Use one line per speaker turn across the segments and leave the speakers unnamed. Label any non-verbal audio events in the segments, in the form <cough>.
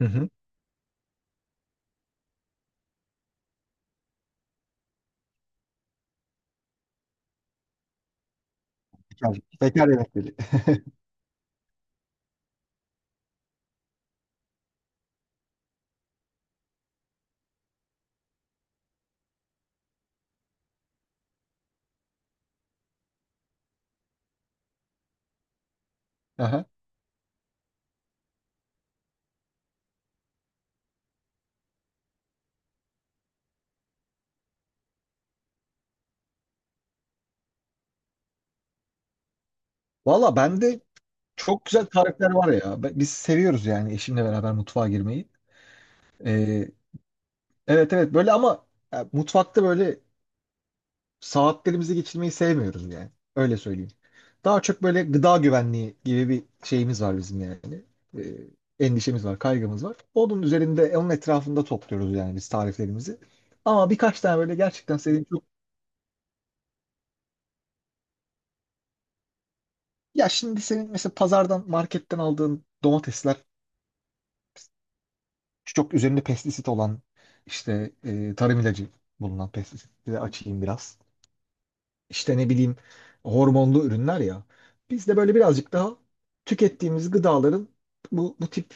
Hı hı. Bekar, bekar yemekleri. <laughs> Aha. Valla bende çok güzel tarifler var ya. Be- Biz seviyoruz yani eşimle beraber mutfağa girmeyi. Ee, evet evet böyle ama mutfakta böyle saatlerimizi geçirmeyi sevmiyoruz yani. Öyle söyleyeyim. Daha çok böyle gıda güvenliği gibi bir şeyimiz var bizim yani. Endişemiz var, kaygımız var. Onun üzerinde, onun etrafında topluyoruz yani biz tariflerimizi. Ama birkaç tane böyle gerçekten sevdiğim çok... Ya şimdi senin mesela pazardan, marketten aldığın domatesler çok üzerinde pestisit olan işte tarım ilacı bulunan pestisitleri açayım biraz. İşte ne bileyim hormonlu ürünler ya. Biz de böyle birazcık daha tükettiğimiz gıdaların bu tip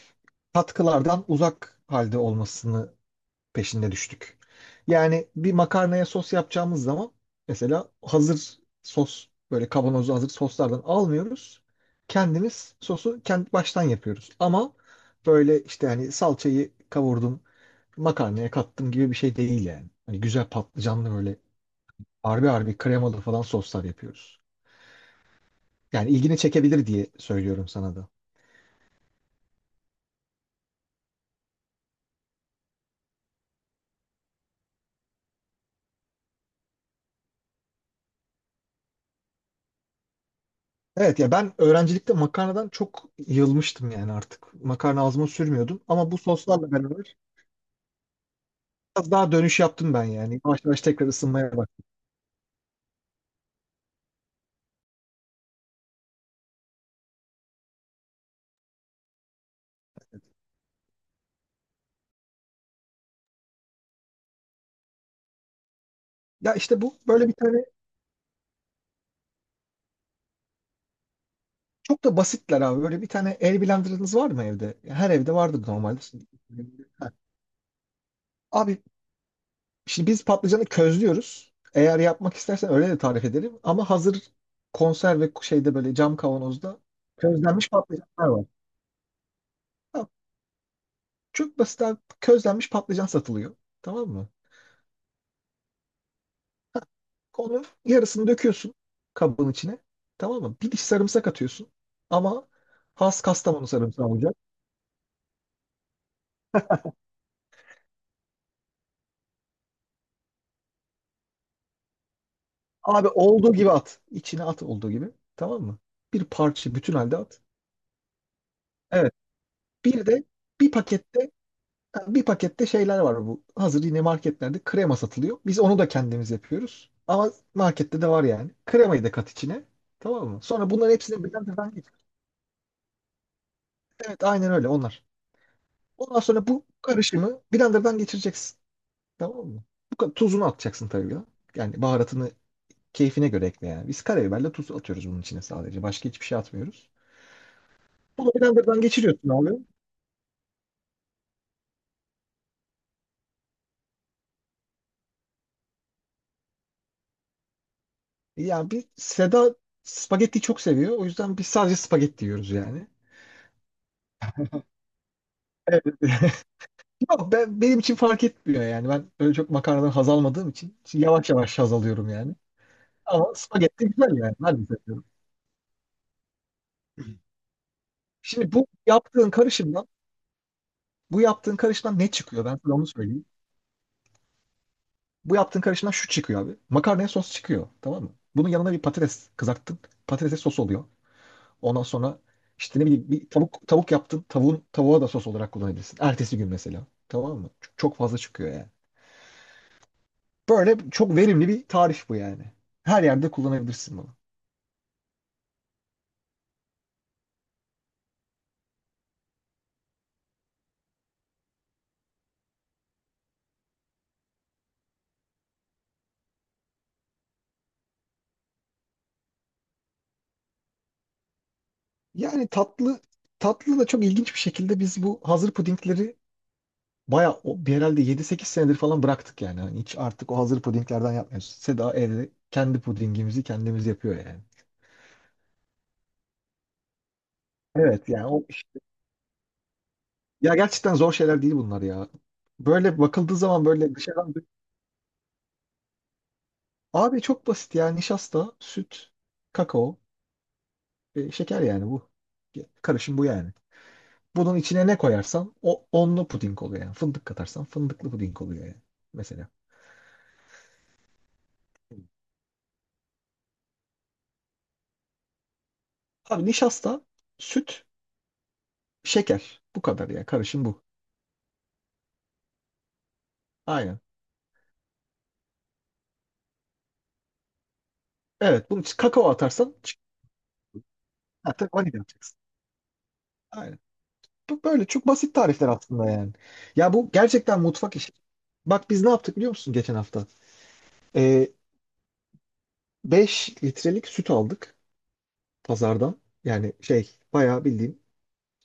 katkılardan uzak halde olmasını peşinde düştük. Yani bir makarnaya sos yapacağımız zaman mesela hazır sos böyle kavanozlu hazır soslardan almıyoruz. Kendimiz sosu kendi baştan yapıyoruz. Ama böyle işte hani salçayı kavurdum, makarnaya kattım gibi bir şey değil yani. Hani güzel patlıcanlı böyle harbi harbi kremalı falan soslar yapıyoruz. Yani ilgini çekebilir diye söylüyorum sana da. Evet ya ben öğrencilikte makarnadan çok yılmıştım yani artık. Makarna ağzıma sürmüyordum ama bu soslarla beraber biraz daha dönüş yaptım ben yani. Yavaş yavaş tekrar ısınmaya bak. Ya işte bu böyle bir tane çok da basitler abi. Böyle bir tane el blenderınız var mı evde? Ya her evde vardır normalde. Ha. Abi şimdi biz patlıcanı közlüyoruz. Eğer yapmak istersen öyle de tarif ederim. Ama hazır konserve şeyde böyle cam kavanozda közlenmiş patlıcanlar var. Ha, çok basit abi. Közlenmiş patlıcan satılıyor. Tamam mı? Onun yarısını döküyorsun kabın içine. Tamam mı? Bir diş sarımsak atıyorsun. Ama has Kastamonu sarımsağı olacak. Abi olduğu gibi at. İçine at olduğu gibi. Tamam mı? Bir parça bütün halde at. Evet. Bir de bir pakette bir pakette şeyler var bu. Hazır yine marketlerde krema satılıyor. Biz onu da kendimiz yapıyoruz. Ama markette de var yani. Kremayı da kat içine. Tamam mı? Sonra bunların hepsini blenderdan geçir. Evet aynen öyle onlar. Ondan sonra bu karışımı blenderdan geçireceksin. Tamam mı? Bu kadar tuzunu atacaksın tabii ya. Yani baharatını keyfine göre ekle yani. Biz karabiberle tuz atıyoruz bunun içine sadece. Başka hiçbir şey atmıyoruz. Bunu blenderdan geçiriyorsun abi. Yani bir Seda spagetti çok seviyor. O yüzden biz sadece spagetti yiyoruz yani. Evet. <laughs> Yok, benim için fark etmiyor yani. Ben öyle çok makarnadan haz almadığım için şimdi yavaş yavaş haz alıyorum yani. Ama spagetti güzel yani. Ben de seviyorum. Şimdi bu yaptığın karışımdan Bu yaptığın karışımdan ne çıkıyor? Ben sana onu söyleyeyim. Bu yaptığın karışımdan şu çıkıyor abi. Makarnaya sos çıkıyor. Tamam mı? Bunun yanına bir patates kızarttın. Patatese sos oluyor. Ondan sonra işte ne bileyim bir tavuk yaptın. Tavuğun tavuğa da sos olarak kullanabilirsin. Ertesi gün mesela. Tamam mı? Çok fazla çıkıyor yani. Böyle çok verimli bir tarif bu yani. Her yerde kullanabilirsin bunu. Yani tatlı tatlı da çok ilginç bir şekilde biz bu hazır pudingleri bayağı o- bir herhalde 7-8 senedir falan bıraktık yani. Hani hiç artık o hazır pudinglerden yapmıyoruz. Seda evde kendi pudingimizi kendimiz yapıyor yani. Evet yani o ya gerçekten zor şeyler değil bunlar ya. Böyle bakıldığı zaman böyle dışarıdan abi çok basit ya nişasta, süt, kakao, şeker yani bu. Karışım bu yani. Bunun içine ne koyarsan o onlu puding oluyor yani. Fındık katarsan fındıklı puding oluyor yani mesela. Abi nişasta, süt, şeker. Bu kadar ya. Karışım bu. Aynen. Evet. Bunun için kakao atarsan çık- ha, tabii vanilya atacaksın. Aynen. Bu böyle çok basit tarifler aslında yani. Ya bu gerçekten mutfak işi. Bak biz ne yaptık biliyor musun geçen hafta? Ee, 5 litrelik süt aldık pazardan. Yani şey bayağı bildiğin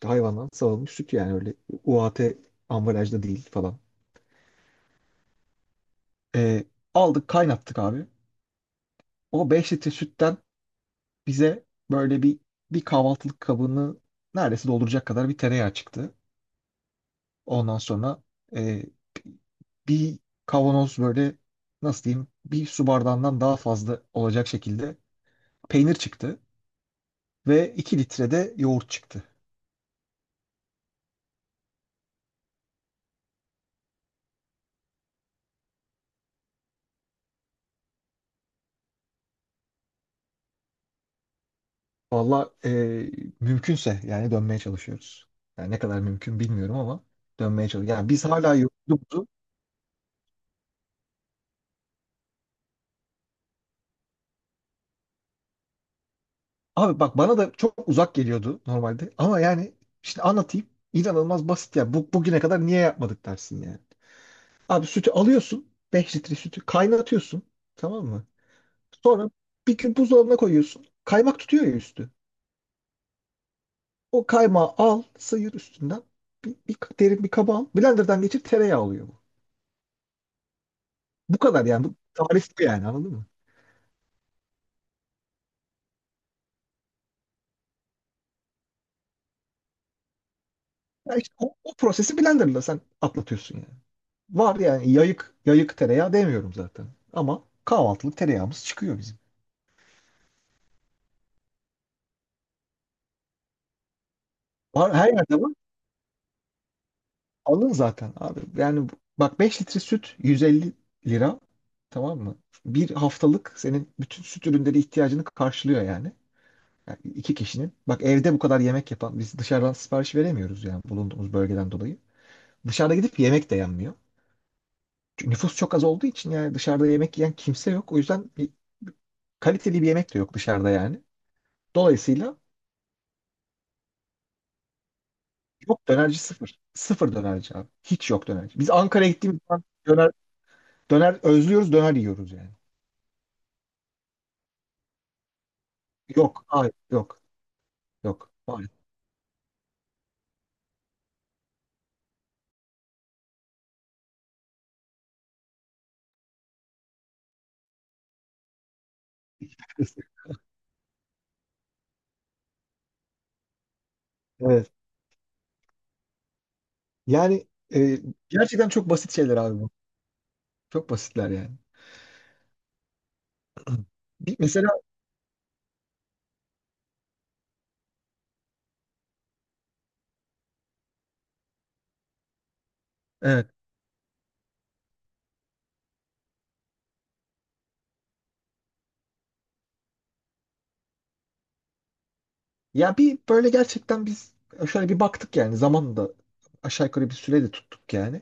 hayvandan sağılmış süt yani öyle UHT ambalajda değil falan. Ee, Aldık kaynattık abi. O 5 litre sütten bize böyle bir kahvaltılık kabını neredeyse dolduracak kadar bir tereyağı çıktı. Ondan sonra e, bir kavanoz böyle nasıl diyeyim bir su bardağından daha fazla olacak şekilde peynir çıktı ve 2 litre de yoğurt çıktı. Valla mümkünse yani dönmeye çalışıyoruz. Yani ne kadar mümkün bilmiyorum ama dönmeye çalışıyoruz. Yani biz hala yoğurdumuzu Abi bak bana da çok uzak geliyordu normalde. Ama yani şimdi anlatayım. İnanılmaz basit ya. Bu, bugüne kadar niye yapmadık dersin yani. Abi sütü alıyorsun. 5 litre sütü kaynatıyorsun. Tamam mı? Sonra bir gün buzdolabına koyuyorsun. Kaymak tutuyor ya üstü. O kaymağı al, sıyır üstünden. Bir derin bir kaba al. Blenderdan geçir tereyağı oluyor bu. Bu kadar yani. Bu tarif bu yani anladın mı? Ya işte o prosesi blenderla sen atlatıyorsun yani. Var yani yayık yayık tereyağı demiyorum zaten. Ama kahvaltılık tereyağımız çıkıyor Var, her yerde var. Alın zaten abi. Yani bu- bak 5 litre süt 150 lira. Tamam mı? Bir haftalık senin bütün süt ürünleri ihtiyacını karşılıyor yani. Yani iki kişinin. Bak evde bu kadar yemek yapan biz dışarıdan sipariş veremiyoruz yani bulunduğumuz bölgeden dolayı. Dışarıda gidip yemek de yenmiyor. Çünkü nüfus çok az olduğu için yani dışarıda yemek yiyen kimse yok. O yüzden bir kaliteli bir yemek de yok dışarıda yani. Dolayısıyla yok dönerci sıfır. Sıfır dönerci abi. Hiç yok dönerci. Biz Ankara'ya gittiğimiz zaman döner Döner özlüyoruz, döner yiyoruz yani. Yok, hayır, yok, Yok. Hayır. <laughs> Evet. Yani e, gerçekten çok basit şeyler abi bu. Çok basitler yani. <clears throat> Bir, mesela evet. Ya bir böyle gerçekten biz şöyle bir baktık yani zaman da aşağı yukarı bir süre de tuttuk yani.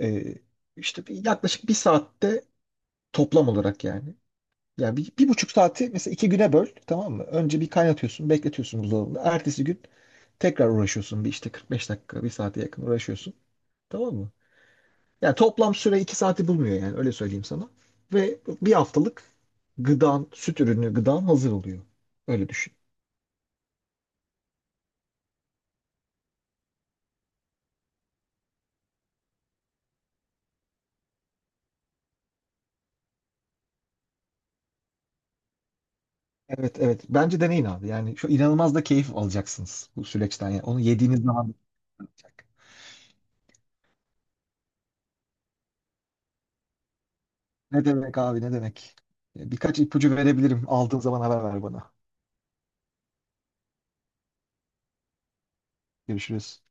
Ee, işte bir, yaklaşık bir saatte toplam olarak yani. Yani bir, bir buçuk saati mesela iki güne böl tamam mı? Önce bir kaynatıyorsun bekletiyorsun buzdolabında. Ertesi gün tekrar uğraşıyorsun bir işte 45 dakika bir saate yakın uğraşıyorsun. Tamam mı? Yani toplam süre 2 saati bulmuyor yani öyle söyleyeyim sana. Ve bir haftalık gıdan, süt ürünü gıdan hazır oluyor. Öyle düşün. Evet evet. Bence deneyin abi. Yani şu inanılmaz da keyif alacaksınız bu süreçten. Yani onu yediğiniz zaman Ne demek abi ne demek. Birkaç ipucu verebilirim. Aldığın zaman haber ver bana. Görüşürüz.